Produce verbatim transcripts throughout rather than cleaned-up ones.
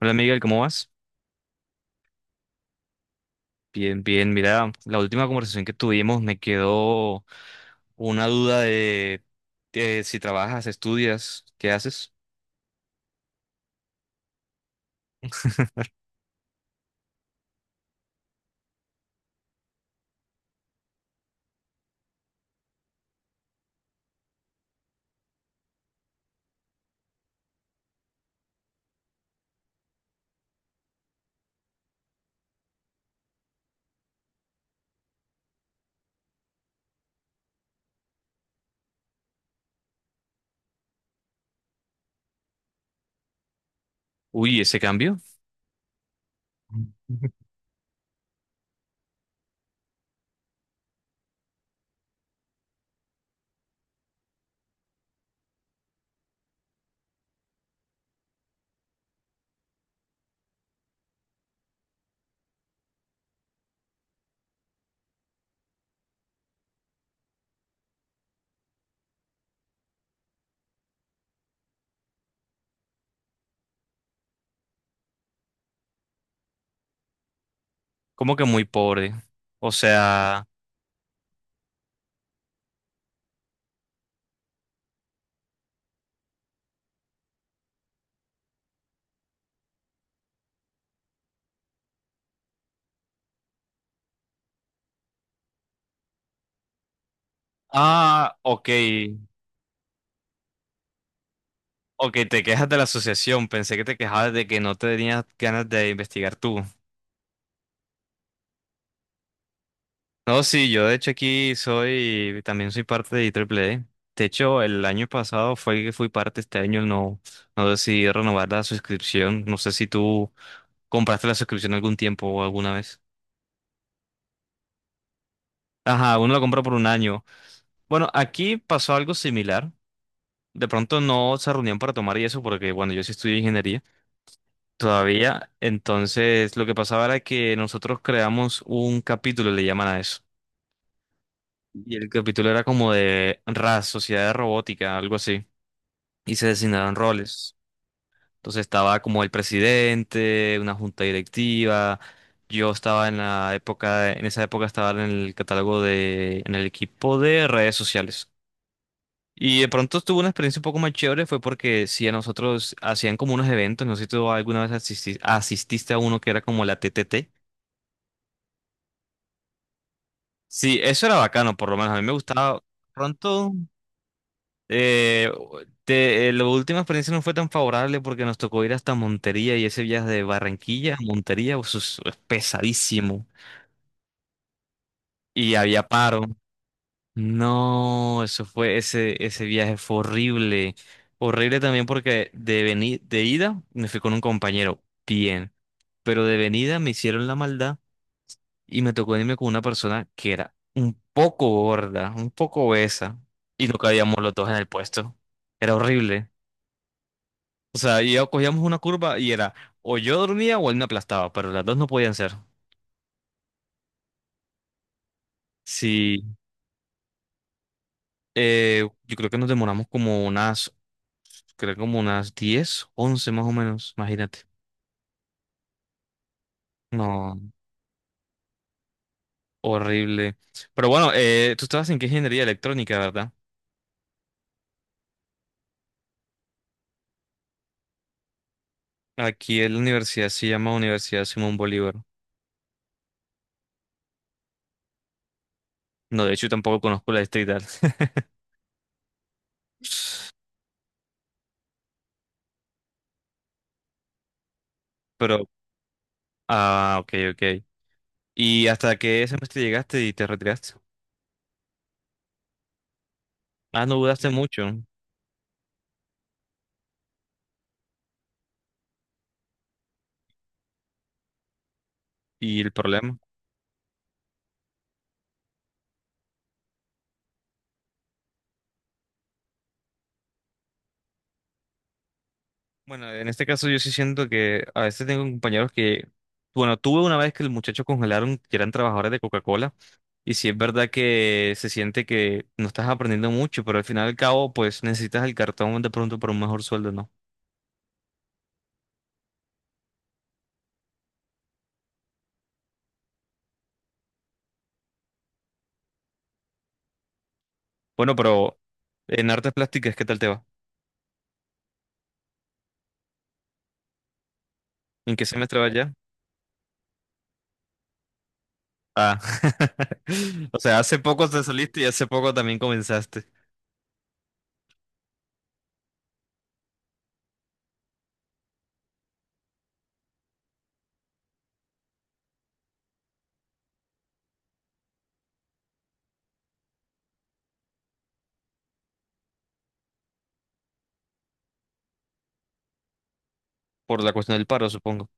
Hola Miguel, ¿cómo vas? Bien, bien. Mira, la última conversación que tuvimos me quedó una duda de, de si trabajas, estudias, ¿qué haces? Uy, ese cambio, como que muy pobre. O sea, ah, ok, ok, te quejas de la asociación. Pensé que te quejabas de que no tenías ganas de investigar tú. No, sí, yo de hecho aquí soy, también soy parte de Triple I E E E. De hecho, el año pasado fue que fui parte, este año no, no decidí renovar la suscripción. No sé si tú compraste la suscripción algún tiempo o alguna vez. Ajá, uno la compra por un año. Bueno, aquí pasó algo similar. De pronto no se reunían para tomar y eso porque, bueno, yo sí estudié ingeniería todavía. Entonces, lo que pasaba era que nosotros creamos un capítulo, le llaman a eso. Y el capítulo era como de R A S, Sociedad de Robótica, algo así. y se designaron roles. Entonces estaba como el presidente, una junta directiva. Yo estaba en la época, en esa época estaba en el catálogo de, en el equipo de redes sociales. Y de pronto tuve una experiencia un poco más chévere, fue porque si a nosotros hacían como unos eventos, no sé si tú alguna vez asisti- asististe a uno que era como la T T T. Sí, eso era bacano, por lo menos a mí me gustaba. Pronto. Eh, te- eh, la última experiencia no fue tan favorable porque nos tocó ir hasta Montería y ese viaje de Barranquilla a Montería eso es es pesadísimo y había paro. No, eso fue ese ese viaje fue horrible, horrible también porque de venir de ida me fui con un compañero bien, pero de venida me hicieron la maldad y me tocó irme con una persona que era un poco gorda, un poco obesa y no cabíamos los dos en el puesto. Era horrible. O sea, y ya cogíamos una curva y era o yo dormía o él me aplastaba, pero las dos no podían ser. Sí, eh, yo creo que nos demoramos como unas, creo como unas diez, once más o menos, imagínate. No, horrible. Pero bueno, eh, tú estabas en qué ingeniería electrónica, ¿verdad? Aquí en la universidad se llama Universidad Simón Bolívar. No, de hecho tampoco conozco la distrital. Pero, ah, ok, ok. ¿Y hasta qué semestre llegaste y te retiraste? Ah, no dudaste mucho. ¿Y el problema? Bueno, en este caso yo sí siento que a veces tengo compañeros que, bueno, tuve una vez que el muchacho congelaron que eran trabajadores de Coca-Cola y sí es verdad que se siente que no estás aprendiendo mucho, pero al final y al cabo pues necesitas el cartón de pronto para un mejor sueldo, ¿no? Bueno, pero en artes plásticas, ¿qué tal te va? ¿En qué semestre vas ya? Ah, o sea, hace poco te saliste y hace poco también comenzaste por la cuestión del paro, supongo.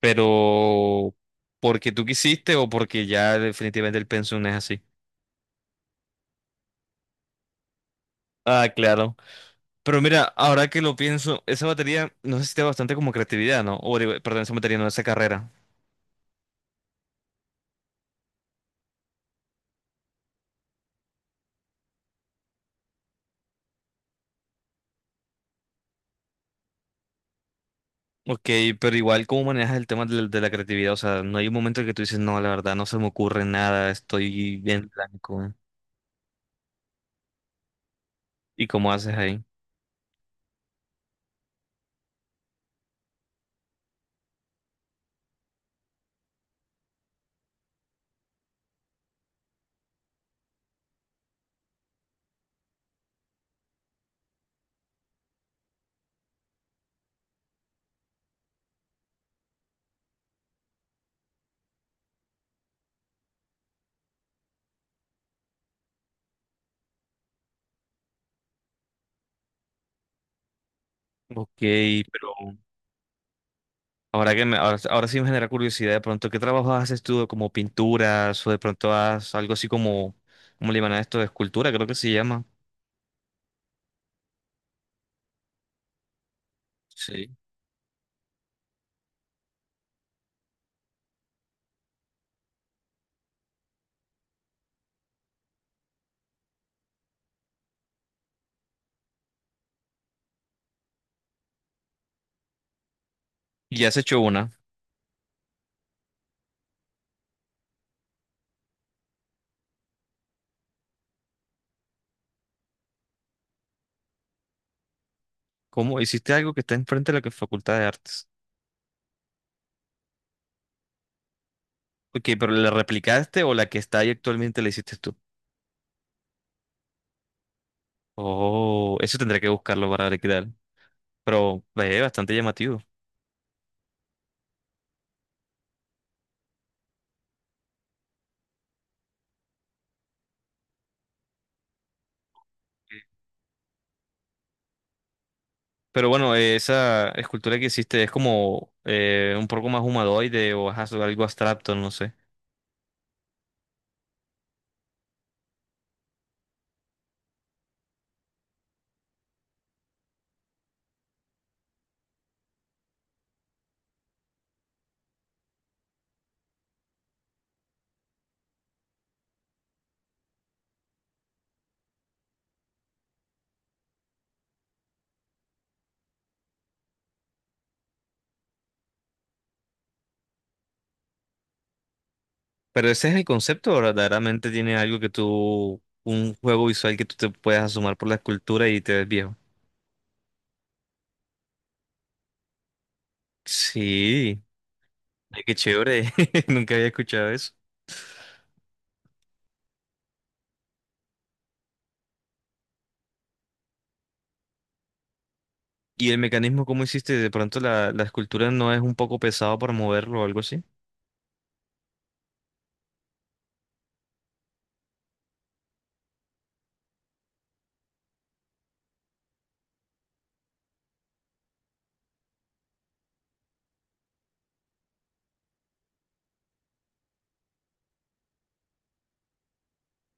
Pero porque tú quisiste o porque ya definitivamente el pensum es así. Ah, claro. Pero mira, ahora que lo pienso, esa batería no necesita bastante como creatividad, ¿no? O digo, perdón, esa batería no, esa carrera. Ok, pero igual, ¿cómo manejas el tema del- de, la creatividad? O sea, no hay un momento en que tú dices, no, la verdad, no se me ocurre nada, estoy bien blanco. ¿Y cómo haces ahí? Ok, pero ahora que me, ahora, ahora sí me genera curiosidad, de pronto, ¿qué trabajo haces tú como pinturas o de pronto haces algo así como, ¿cómo le llaman a esto? De escultura, creo que se llama. Sí. Y has hecho una. ¿Cómo? ¿Hiciste algo que está enfrente de la que- Facultad de Artes? Ok, pero ¿la replicaste o la que está ahí actualmente la hiciste tú? Oh, eso tendré que buscarlo para ver qué tal. Pero es bastante llamativo. Pero bueno, eh, esa escultura que hiciste es como eh, un poco más humanoide o ajá, sobre algo abstracto, no sé. Pero ese es el concepto, ¿o verdaderamente tiene algo que tú, un juego visual que tú te puedas asomar por la escultura y te ves viejo. Sí, ay, qué chévere. Nunca había escuchado eso. ¿Y el mecanismo cómo hiciste? ¿De pronto la, la escultura no es un poco pesado para moverlo o algo así?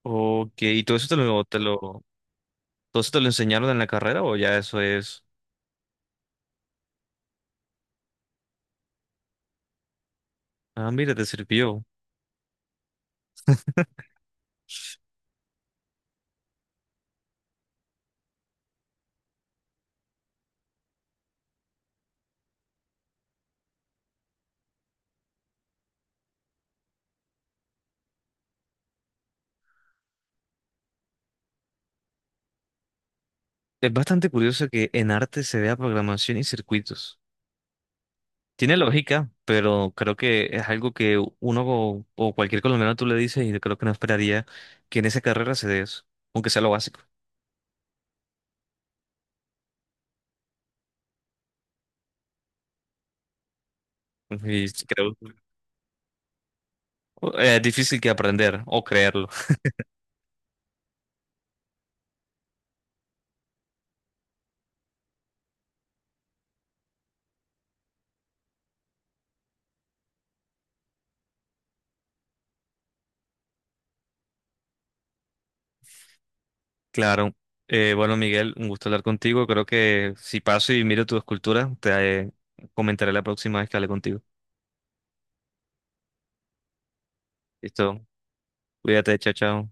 Ok, ¿y todo eso te lo, te lo, todo eso te lo enseñaron en la carrera o ya eso es? Ah, mira, te sirvió. Es bastante curioso que en arte se vea programación y circuitos. Tiene lógica, pero creo que es algo que uno o, o cualquier colombiano tú le dices y creo que no esperaría que en esa carrera se dé eso, aunque sea lo básico. Y sí creo eh, es difícil que aprender o creerlo. Claro. Eh, bueno, Miguel, un gusto hablar contigo. Creo que si paso y miro tu escultura, te eh, comentaré la próxima vez que hable contigo. Listo. Cuídate, chao, chao.